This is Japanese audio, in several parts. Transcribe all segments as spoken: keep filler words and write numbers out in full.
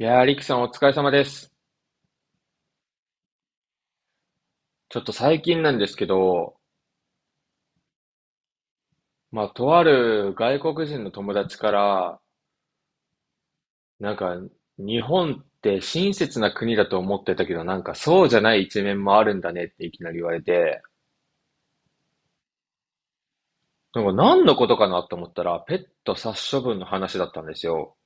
いやー、リキさんお疲れ様です。ちょっと最近なんですけど、まあ、とある外国人の友達から、なんか、日本って親切な国だと思ってたけど、なんかそうじゃない一面もあるんだねっていきなり言われて、なんか何のことかなと思ったら、ペット殺処分の話だったんですよ。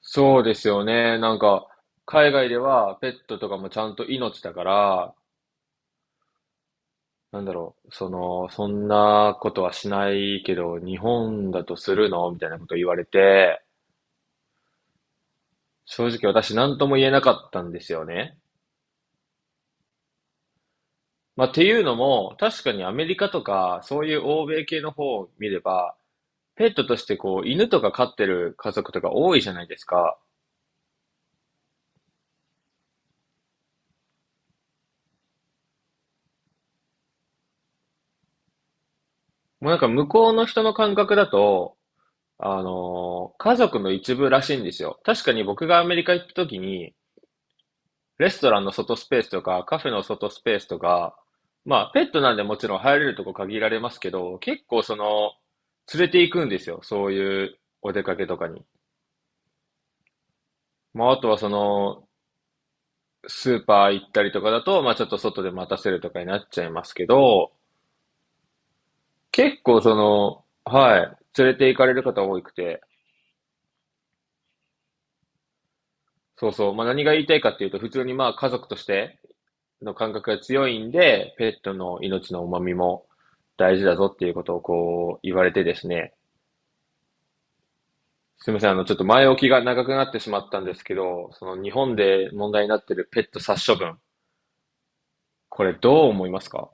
そうですよね。なんか、海外ではペットとかもちゃんと命だから、なんだろう、その、そんなことはしないけど、日本だとするのみたいなこと言われて、正直私何とも言えなかったんですよね。まあ、っていうのも、確かにアメリカとか、そういう欧米系の方を見れば、ペットとしてこう、犬とか飼ってる家族とか多いじゃないですか。もうなんか向こうの人の感覚だと、あのー家族の一部らしいんですよ。確かに僕がアメリカ行った時に、レストランの外スペースとか、カフェの外スペースとか、まあ、ペットなんでもちろん入れるとこ限られますけど、結構その、連れて行くんですよ。そういうお出かけとかに。まあ、あとはその、スーパー行ったりとかだと、まあ、ちょっと外で待たせるとかになっちゃいますけど、結構その、はい、連れて行かれる方多くて、そうそう、まあ、何が言いたいかっていうと、普通にまあ、家族としての感覚が強いんで、ペットの命の重みも大事だぞっていうことをこう、言われてですね、すみません、あの、ちょっと前置きが長くなってしまったんですけど、その日本で問題になってるペット殺処分、これどう思いますか？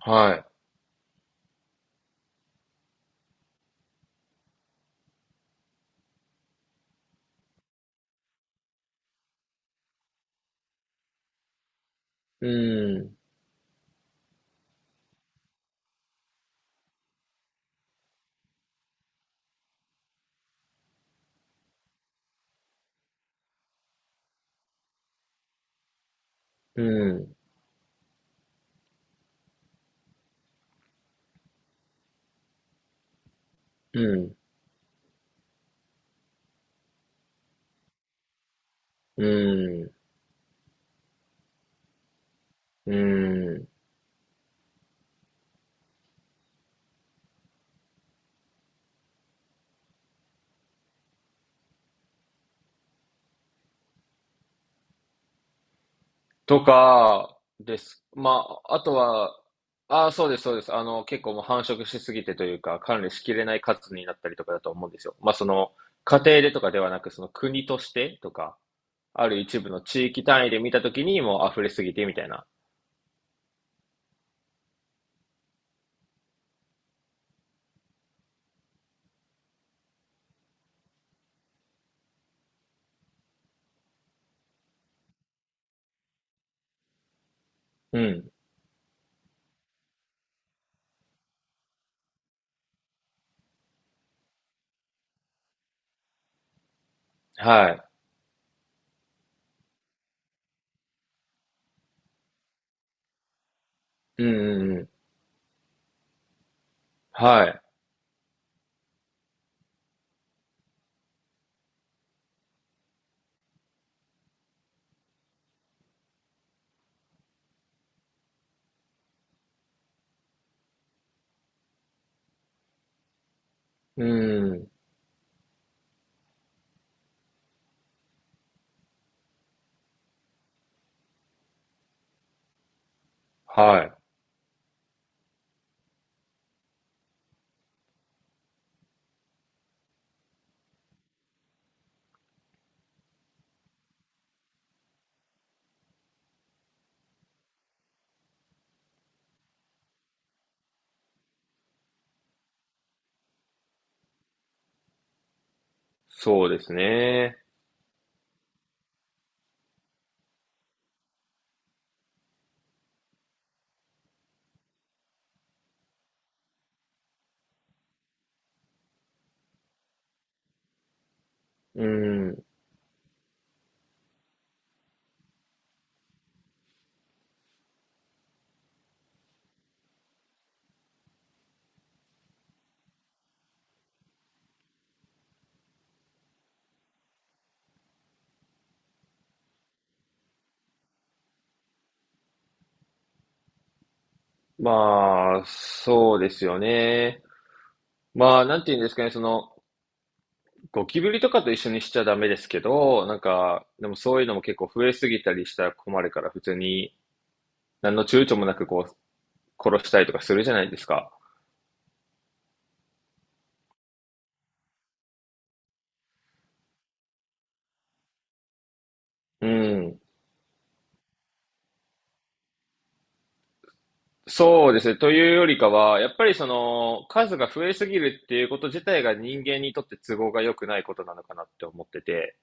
はい。うん、うん、うん。うーん、うん。とか、です。まあ、あとは、ああ、そうです、そうです。あの、結構もう繁殖しすぎてというか、管理しきれない数になったりとかだと思うんですよ。まあ、その、家庭でとかではなく、その国としてとか、ある一部の地域単位で見たときにもう溢れすぎてみたいな。うん。はい。うんうんうん。はい。うん。はい。そうですね。うん。まあ、そうですよね。まあ、なんて言うんですかね、その、ゴキブリとかと一緒にしちゃダメですけど、なんか、でもそういうのも結構増えすぎたりしたら困るから、普通に何の躊躇もなくこう、殺したりとかするじゃないですか。うん。そうですね。というよりかは、やっぱりその、数が増えすぎるっていうこと自体が人間にとって都合が良くないことなのかなって思ってて。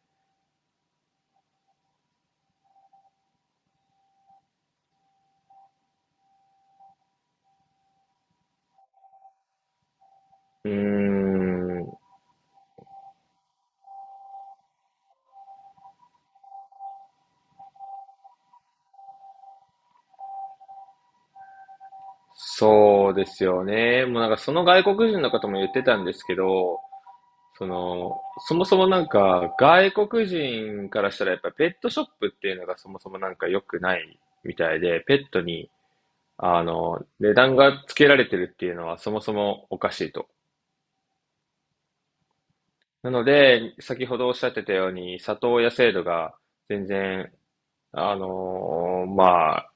うーん。そうですよね。もうなんかその外国人の方も言ってたんですけど、その、そもそもなんか、外国人からしたらやっぱペットショップっていうのがそもそもなんか良くないみたいで、ペットに、あの、値段がつけられてるっていうのはそもそもおかしいと。なので、先ほどおっしゃってたように、里親制度が全然、あのーまあ、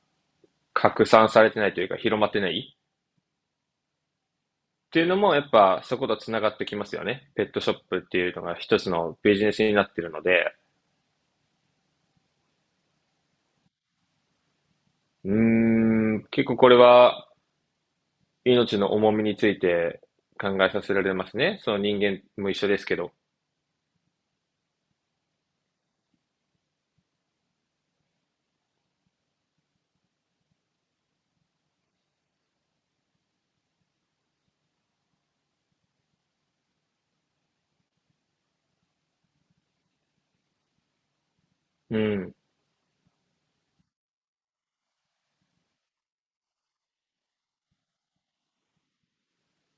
拡散されてないというか広まってないっていうのもやっぱそことつながってきますよね。ペットショップっていうのが一つのビジネスになってるので、うーん、結構これは命の重みについて考えさせられますね。その人間も一緒ですけど。うん、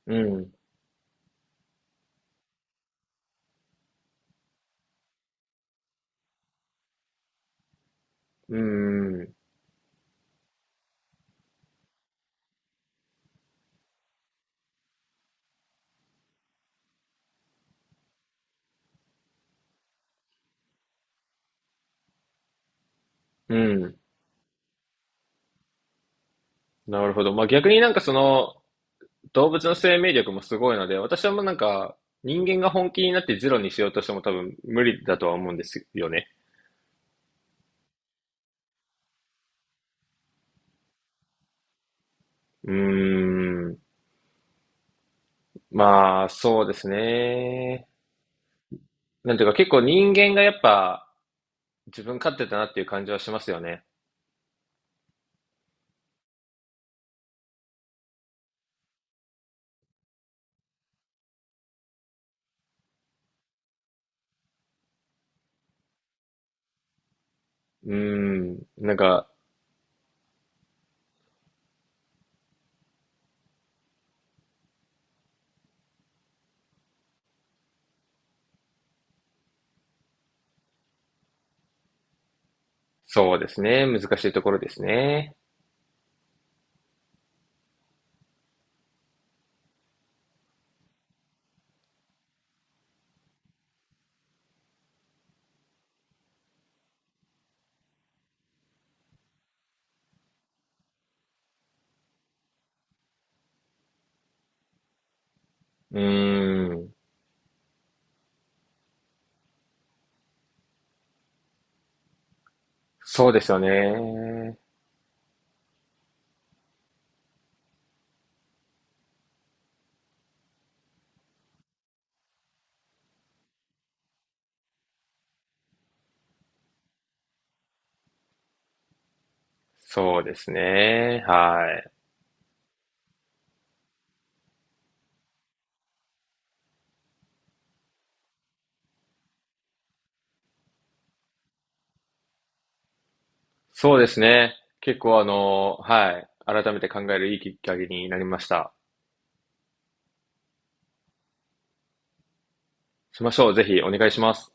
うん、うん、うん。なるほど。まあ、逆になんかその動物の生命力もすごいので、私はもうなんか人間が本気になってゼロにしようとしても多分無理だとは思うんですよね。うーん。まあ、そうですね。なんていうか結構人間がやっぱ自分勝手だなっていう感じはしますよね。うーん。なんか、そうですね。難しいところですね。うーん。そうですよね。そうですね。はい。そうですね。結構あの、はい。改めて考えるいいきっかけになりました。しましょう。ぜひお願いします。